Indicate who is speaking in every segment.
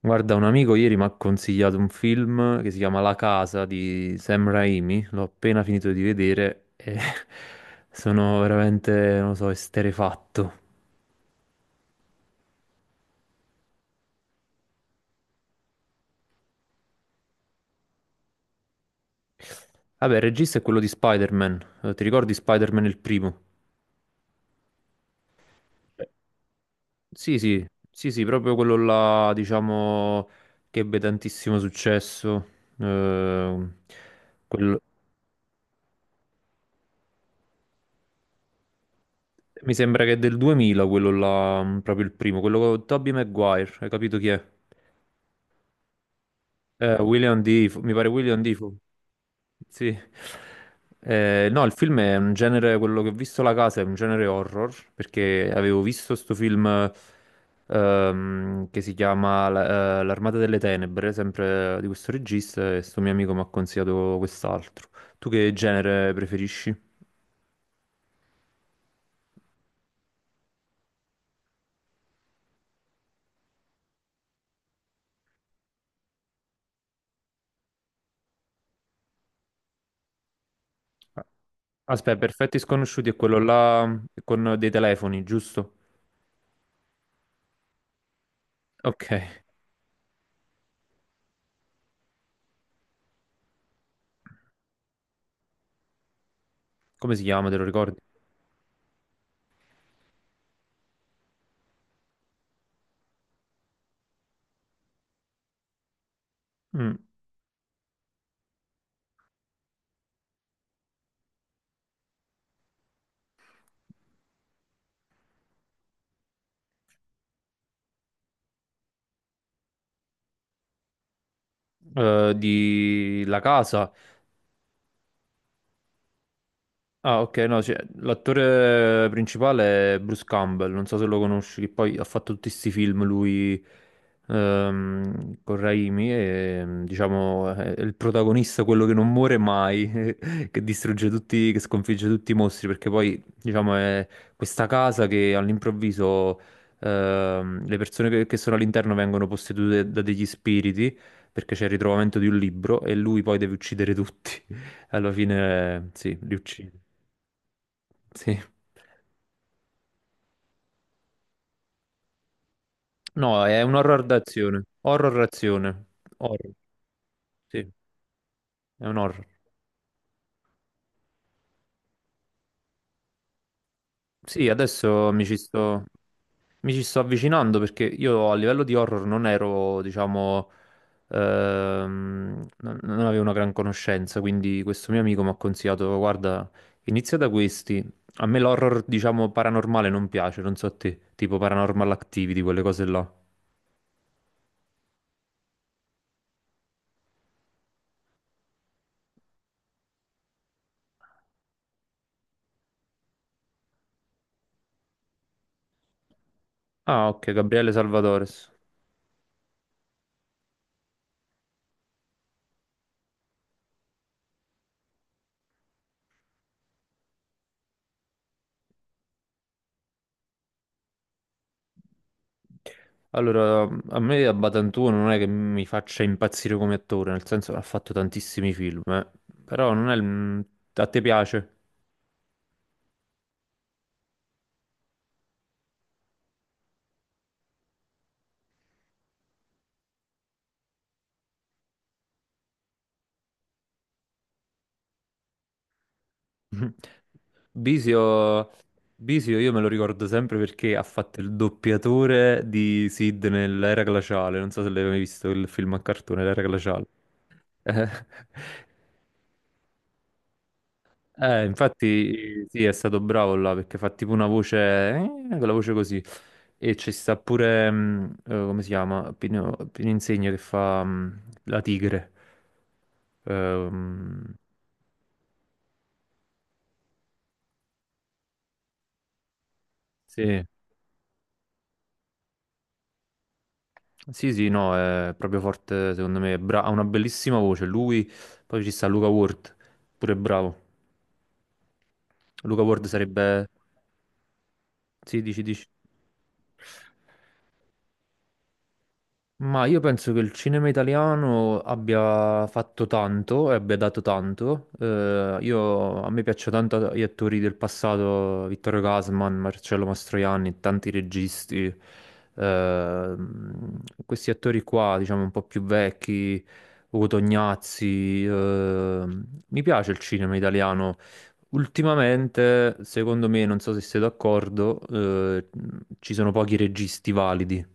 Speaker 1: Guarda, un amico ieri mi ha consigliato un film che si chiama La casa di Sam Raimi, l'ho appena finito di vedere e sono veramente, non lo so, esterrefatto. Vabbè, il regista è quello di Spider-Man. Ti ricordi Spider-Man il primo? Eh. Sì, sì, sì, sì, proprio quello là, diciamo, che ebbe tantissimo successo. Ehm, quello- Mi sembra che è del 2000 quello là, proprio il primo, quello con Tobey Maguire, hai capito chi è? William Defoe, mi pare William Defoe. Sì. No, il film è un genere, quello che ho visto La Casa è un genere horror, perché avevo visto sto film che si chiama L'Armata delle Tenebre, sempre di questo regista, e sto mio amico mi ha consigliato quest'altro. Tu che genere preferisci? Aspetta, Perfetti Sconosciuti è quello là con dei telefoni, giusto? Ok, come si chiama, te lo ricordi? Mm, di La Casa. Ah, ok, no, cioè, l'attore principale è Bruce Campbell, non so se lo conosci, che poi ha fatto tutti questi film lui con Raimi e diciamo è il protagonista, quello che non muore mai, che distrugge tutti, che sconfigge tutti i mostri, perché poi diciamo è questa casa che all'improvviso le persone che sono all'interno vengono possedute da degli spiriti, perché c'è il ritrovamento di un libro e lui poi deve uccidere tutti. Alla fine, sì, li uccide. Sì. No, è un horror d'azione. Horror azione. Horror, sì, è un horror. Sì, adesso mi ci sto avvicinando perché io a livello di horror non ero, diciamo, non avevo una gran conoscenza, quindi questo mio amico mi ha consigliato, guarda, inizia da questi. A me l'horror, diciamo, paranormale non piace, non so a te, tipo Paranormal Activity, quelle cose là. Ah, ok, Gabriele Salvatores. Allora, a me a Batantuono non è che mi faccia impazzire come attore, nel senso che ha fatto tantissimi film, eh. Però non è il... mm, a te piace. Bisio... Bisio io me lo ricordo sempre perché ha fatto il doppiatore di Sid nell'Era Glaciale, non so se l'hai mai visto il film a cartone, l'Era Glaciale. Eh, infatti sì, è stato bravo là perché fa tipo una voce, con la voce così. E ci sta pure, come si chiama? Pino, Pino Insegno che fa la tigre. Ehm, sì. Sì, sì, no, è proprio forte secondo me. Bra- ha una bellissima voce. Lui, poi ci sta Luca Ward, pure bravo. Luca Ward sarebbe... Sì, dici, dici. Ma io penso che il cinema italiano abbia fatto tanto e abbia dato tanto. A me piacciono tanto gli attori del passato, Vittorio Gassman, Marcello Mastroianni, tanti registi. Questi attori qua, diciamo un po' più vecchi, Ugo Tognazzi. Mi piace il cinema italiano. Ultimamente, secondo me, non so se sei d'accordo, ci sono pochi registi validi.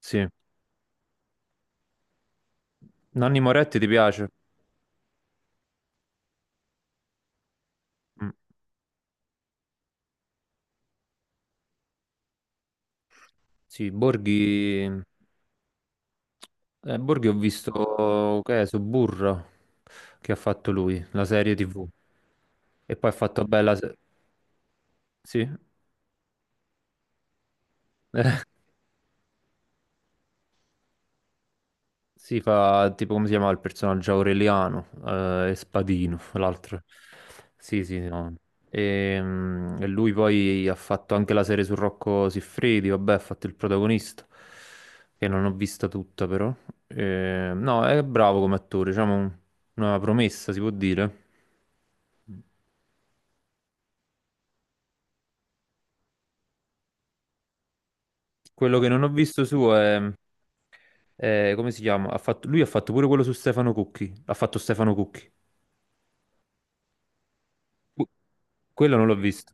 Speaker 1: Sì. Nanni Moretti ti piace? Mm. Sì, Borghi... Borghi ho visto che è Suburra che ha fatto lui, la serie TV. E poi ha fatto bella... se- Sì? Si fa tipo come si chiama il personaggio Aureliano e Spadino, l'altro. Sì, sì, no. E, mm, e lui poi ha fatto anche la serie su Rocco Siffredi, vabbè, ha fatto il protagonista, che non ho vista tutta però. No, è bravo come attore, diciamo un- una promessa, si può dire. Quello che non ho visto suo è- Come si chiama? Lui ha fatto pure quello su Stefano Cucchi, ha fatto Stefano Cucchi. Quello non l'ho visto.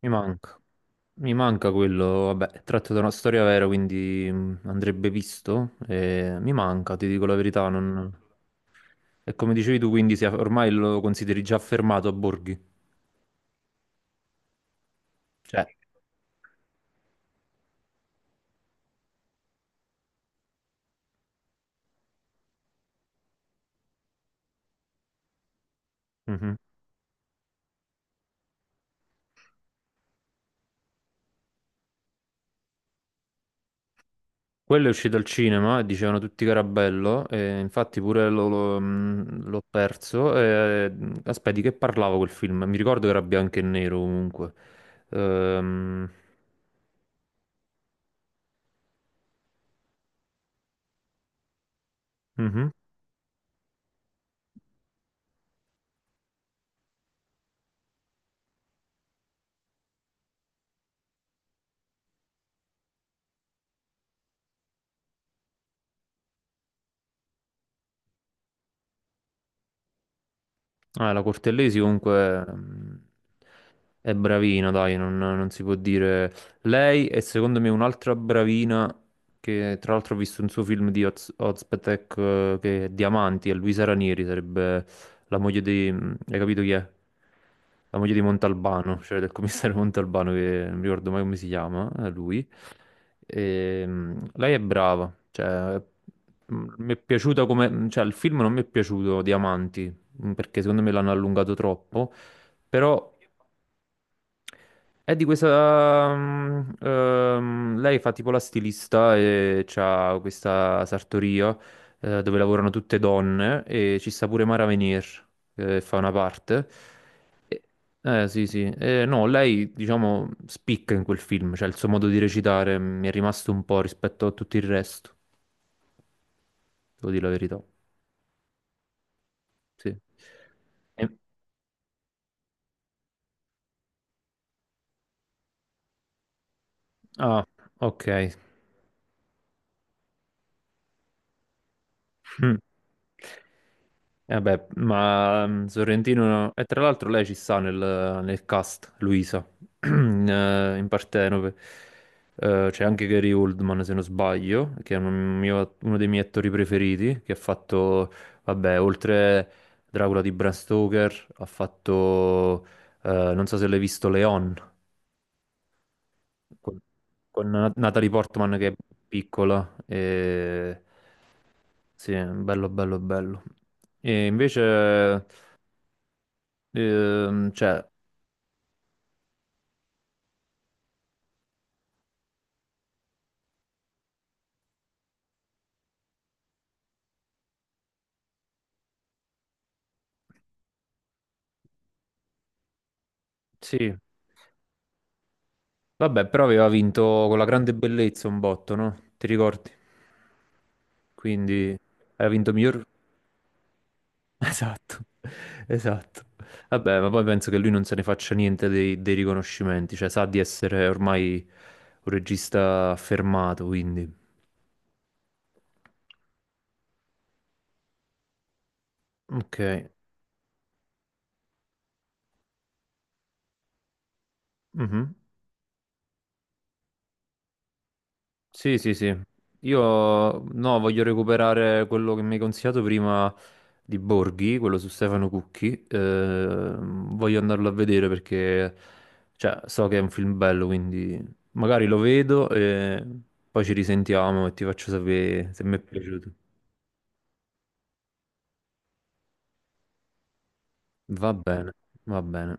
Speaker 1: Mi manca, mi manca quello, vabbè, è tratto da una storia vera, quindi andrebbe visto. E mi manca, ti dico la verità, non... E come dicevi tu, quindi si è- ormai lo consideri già fermato a Borghi. Cioè, mhm. Quello è uscito al cinema e dicevano tutti che era bello, e infatti pure l'ho perso. E... mm, aspetta, di che parlavo quel film? Mi ricordo che era bianco e nero comunque. Ehm, mhm. Ah, la Cortellesi comunque è bravina, dai, non si può dire. Lei è secondo me un'altra bravina che tra l'altro ho visto un suo film di Oz, Ozpetek che è Diamanti, è Luisa Ranieri, sarebbe la moglie di... hai capito chi è? La moglie di Montalbano, cioè del commissario Montalbano che non mi ricordo mai come si chiama, è lui. E, lei è brava, cioè mi è piaciuta come... cioè il film non mi è piaciuto, Diamanti mm, perché secondo me l'hanno allungato troppo, però è di questa... mm, lei fa tipo la stilista e c'ha questa sartoria dove lavorano tutte donne e ci sta pure Mara Venier che fa una parte. E- eh sì sì, eh, no, lei diciamo spicca in quel film, cioè il suo modo di recitare mm, mi è rimasto un po' rispetto a tutto il resto, devo dire la verità. Sì. E- Ah, ok. Mm. Vabbè, ma mm, Sorrentino... E tra l'altro lei ci sta nel cast, Luisa, in, in Partenope. C'è anche Gary Oldman, se non sbaglio, che è un uno dei miei attori preferiti, che ha fatto, vabbè, oltre Dracula di Bram Stoker, ha fatto, non so se l'hai visto, Leon con, con Natalie Portman che è piccola. E... Sì, bello, bello, bello. E invece, cioè, sì, vabbè, però aveva vinto con la grande bellezza un botto, no? Ti ricordi? Quindi aveva vinto miglior... Esatto, esatto. Vabbè, ma poi penso che lui non se ne faccia niente dei riconoscimenti, cioè sa di essere ormai un regista affermato, quindi... Ok. Mhm. Sì, sì, sì. Io no, voglio recuperare quello che mi hai consigliato prima di Borghi, quello su Stefano Cucchi. Voglio andarlo a vedere perché cioè, so che è un film bello, quindi magari lo vedo e poi ci risentiamo e ti faccio sapere se mi è piaciuto. Va bene, va bene.